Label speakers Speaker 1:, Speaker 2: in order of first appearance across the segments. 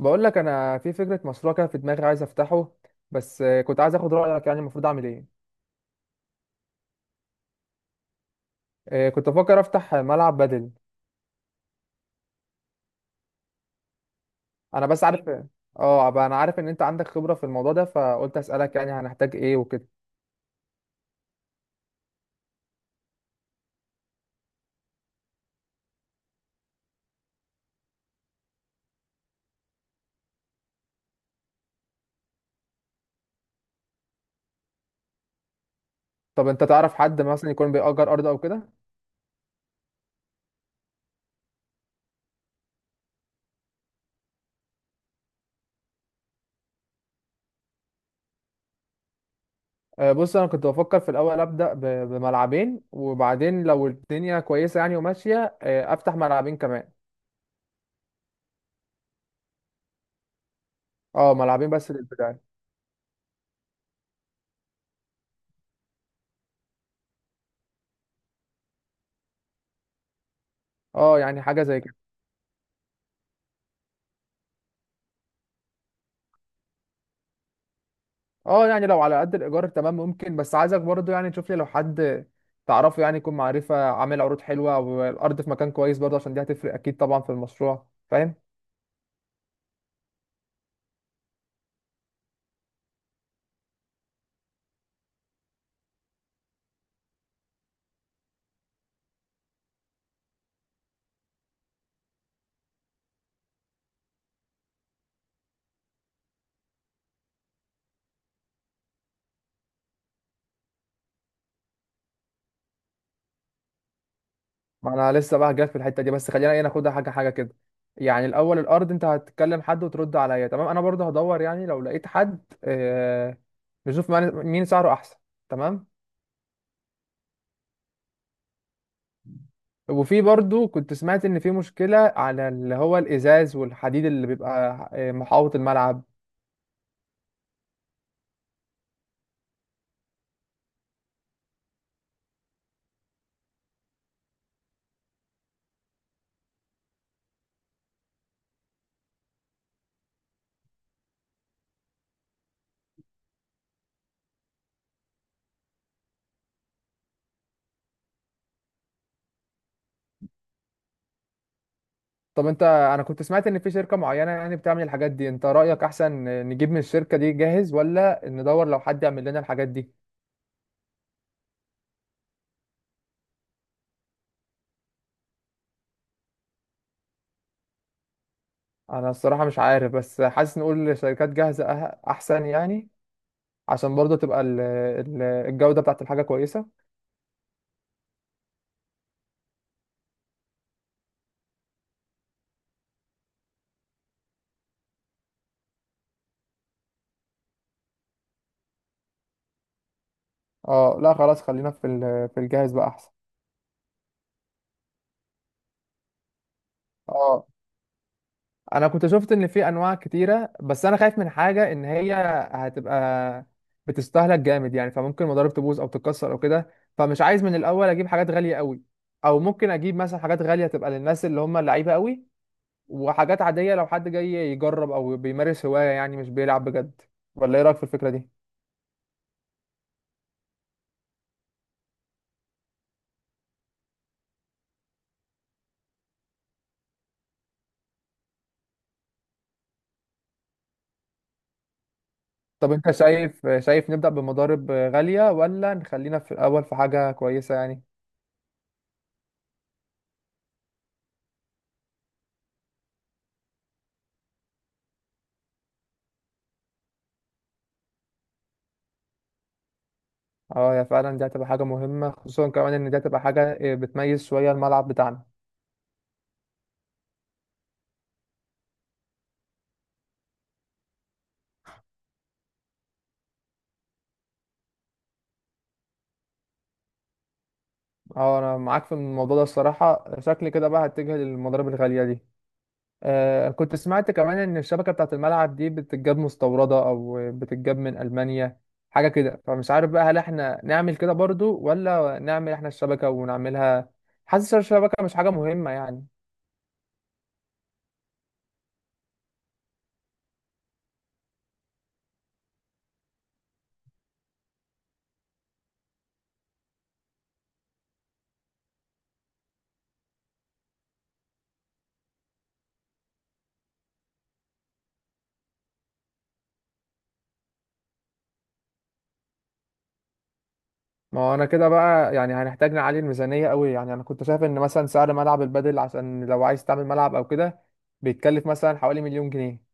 Speaker 1: بقول لك انا في فكره مشروع كده في دماغي عايز افتحه. بس كنت عايز اخد رايك، يعني المفروض اعمل ايه؟ كنت بفكر افتح ملعب بدل. انا بس عارف. اه بقى انا عارف ان انت عندك خبره في الموضوع ده، فقلت اسالك يعني هنحتاج ايه وكده. طب انت تعرف حد مثلا يكون بيأجر ارض او كده؟ بص انا كنت بفكر في الاول ابدا بملعبين، وبعدين لو الدنيا كويسه يعني وماشيه، افتح ملعبين كمان. اه ملعبين بس للبدايه. اه يعني حاجه زي كده. اه يعني لو على قد الايجار تمام، ممكن. بس عايزك برضو يعني تشوف لي لو حد تعرفه، يعني يكون معرفة، عامل عروض حلوة والارض في مكان كويس برضو، عشان دي هتفرق اكيد طبعا في المشروع، فاهم. ما انا لسه بقى جاي في الحتة دي، بس خلينا ايه ناخدها حاجة حاجة كده. يعني الاول الارض، انت هتكلم حد وترد عليا، تمام، انا برضو هدور يعني لو لقيت حد آه، نشوف مين مين سعره احسن. تمام. وفي برضو كنت سمعت ان في مشكلة على اللي هو الازاز والحديد اللي بيبقى محاوط الملعب. طب انت، انا كنت سمعت ان في شركة معينة يعني بتعمل الحاجات دي، انت رأيك احسن نجيب من الشركة دي جاهز، ولا ندور لو حد يعمل لنا الحاجات دي؟ انا الصراحة مش عارف، بس حاسس نقول شركات جاهزة احسن يعني، عشان برضه تبقى الجودة بتاعت الحاجة كويسة. اه لا خلاص، خلينا في في الجاهز بقى احسن. اه انا كنت شفت ان في انواع كتيره، بس انا خايف من حاجه ان هي هتبقى بتستهلك جامد، يعني فممكن المضارب تبوظ او تتكسر او كده، فمش عايز من الاول اجيب حاجات غاليه قوي. او ممكن اجيب مثلا حاجات غاليه تبقى للناس اللي هم اللعيبه قوي، وحاجات عاديه لو حد جاي يجرب او بيمارس هوايه، يعني مش بيلعب بجد. ولا ايه رايك في الفكره دي؟ طب انت شايف، نبدا بمضارب غاليه، ولا نخلينا في الاول في حاجه كويسه يعني؟ اه يا فعلا، دي هتبقى حاجه مهمه، خصوصا كمان ان دي هتبقى حاجه بتميز شويه الملعب بتاعنا. اه انا معاك في الموضوع ده، الصراحه شكلي كده بقى هتجه للمضارب الغاليه دي. آه كنت سمعت كمان ان الشبكه بتاعه الملعب دي بتتجاب مستورده او بتتجاب من المانيا، حاجه كده، فمش عارف بقى هل احنا نعمل كده برضو، ولا نعمل احنا الشبكه ونعملها. حاسس الشبكه مش حاجه مهمه يعني. ما هو انا كده بقى يعني هنحتاج نعلي الميزانيه قوي. يعني انا كنت شايف ان مثلا سعر ملعب البادل، عشان لو عايز تعمل ملعب او كده، بيتكلف مثلا حوالي 1,000,000 جنيه.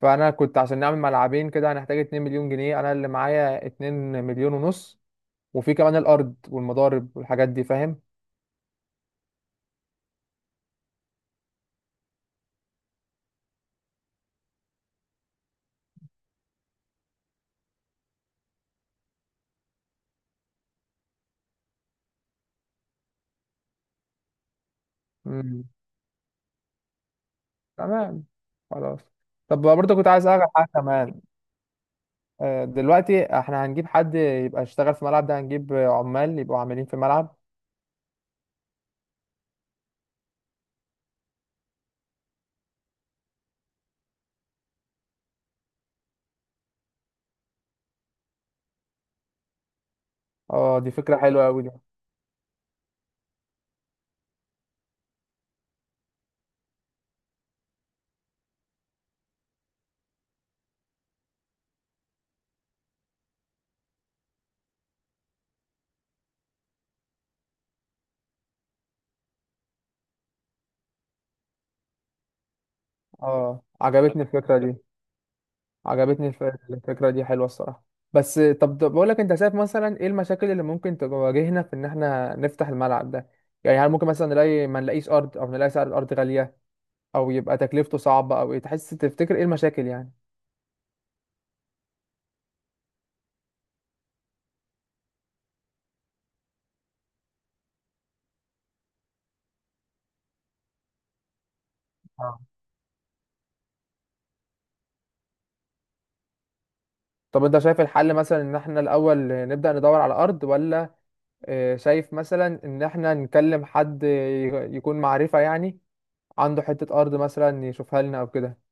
Speaker 1: فانا كنت عشان نعمل ملعبين كده هنحتاج 2 مليون جنيه، انا اللي معايا 2 مليون ونص. وفي كمان الارض والمضارب والحاجات دي، فاهم. مم. تمام. خلاص. طب برضه كنت عايز اعرف حاجه كمان. دلوقتي احنا هنجيب حد يبقى يشتغل في الملعب ده، هنجيب عمال يبقوا عاملين في الملعب. اه دي فكره حلوه قوي دي. اه عجبتني الفكره دي. عجبتني الف- الفكرة دي حلوة الصراحة. بس طب، بقول لك، انت شايف مثلا ايه المشاكل اللي ممكن تواجهنا في ان احنا نفتح الملعب ده؟ يعني هل ممكن مثلا نلاقي ما نلاقيش ارض، او نلاقي سعر الارض غالية، او يبقى تكلفته صعبة، او ايه تحس تفتكر ايه المشاكل يعني؟ آه. طب انت شايف الحل مثلا ان احنا الاول نبدأ ندور على ارض، ولا اه، شايف مثلا ان احنا نكلم حد يكون معرفة يعني، عنده حتة ارض مثلا يشوفها لنا او كده؟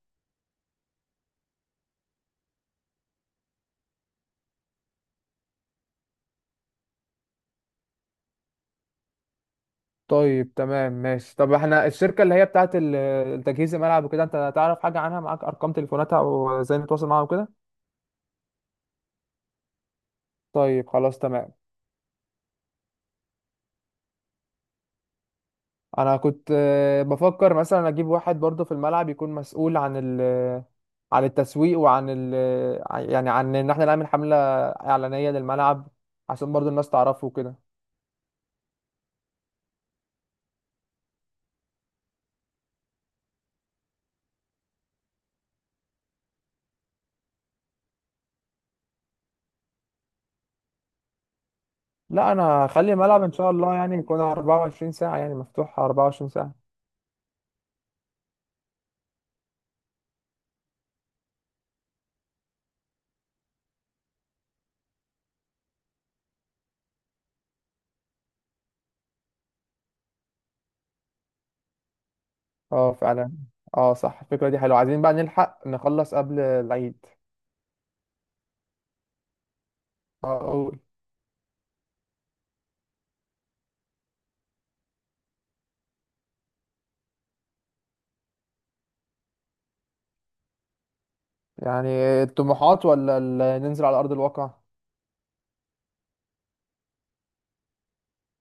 Speaker 1: طيب تمام ماشي. طب احنا الشركة اللي هي بتاعت التجهيز الملعب وكده، انت تعرف حاجة عنها؟ معاك ارقام تليفوناتها وازاي نتواصل معاها وكده؟ طيب خلاص تمام. انا كنت بفكر مثلا اجيب واحد برضه في الملعب يكون مسؤول عن ال، عن التسويق، وعن ال، يعني عن ان احنا نعمل حملة اعلانية للملعب، عشان برضه الناس تعرفه وكده. لا انا هخلي الملعب ان شاء الله يعني يكون 24 ساعة، يعني مفتوح 24 ساعة. اه فعلا. اه صح، الفكرة دي حلوة، عايزين بقى نلحق نخلص قبل العيد. أقول. يعني الطموحات ولا ننزل على أرض الواقع؟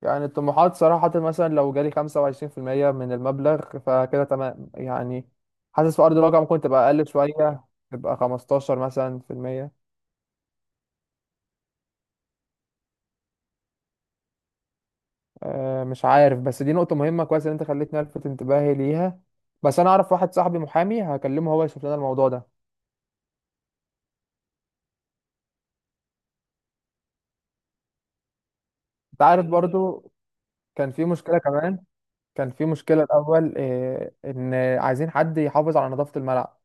Speaker 1: يعني الطموحات صراحة مثلا لو جالي 25% من المبلغ فكده تمام يعني. حاسس في أرض الواقع ممكن تبقى أقل شوية، تبقى 15% مثلا. أه مش عارف، بس دي نقطة مهمة، كويس إن أنت خليتني ألفت انتباهي ليها. بس أنا أعرف واحد صاحبي محامي، هكلمه هو يشوف لنا الموضوع ده. أنت عارف برضو كان في مشكلة كمان. كان في مشكلة الأول، إيه إن عايزين حد يحافظ على نظافة الملعب.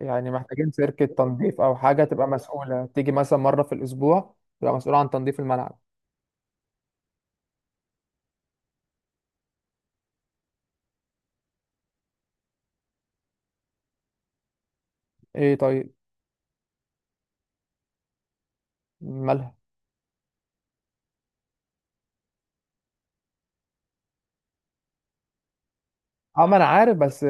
Speaker 1: يعني محتاجين شركة تنظيف أو حاجة تبقى مسؤولة، تيجي مثلا مرة في الأسبوع، تبقى مسؤولة عن تنظيف الملعب. إيه طيب. مالها؟ أه ما أنا عارف، بس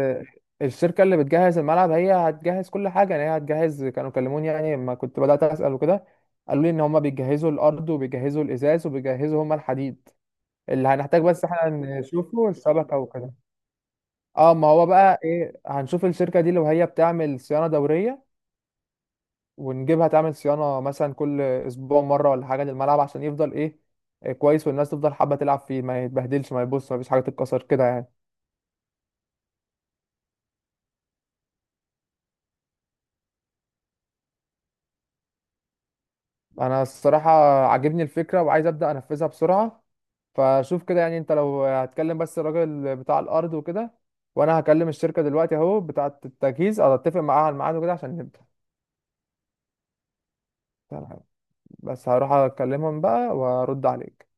Speaker 1: الشركة اللي بتجهز الملعب هي هتجهز كل حاجة. يعني هي هتجهز، كانوا كلموني يعني لما كنت بدأت أسأل وكده، قالوا لي إن هما بيجهزوا الأرض وبيجهزوا الإزاز وبيجهزوا هما الحديد. اللي هنحتاج بس إحنا نشوفه الشبكة وكده. أه ما هو بقى إيه، هنشوف الشركة دي لو هي بتعمل صيانة دورية، ونجيبها تعمل صيانة مثلا كل أسبوع مرة ولا حاجة للملعب عشان يفضل إيه، إيه كويس، والناس تفضل حابة تلعب فيه، ما يتبهدلش، ما يبص، ما فيش حاجة تتكسر كده يعني. أنا الصراحة عاجبني الفكرة وعايز أبدأ أنفذها بسرعة، فشوف كده يعني. أنت لو هتكلم بس الراجل بتاع الأرض وكده، وأنا هكلم الشركة دلوقتي أهو بتاعة التجهيز، أو أتفق معاها على الميعاد وكده عشان نبدأ. تمام، بس هروح أكلمهم بقى وأرد عليك.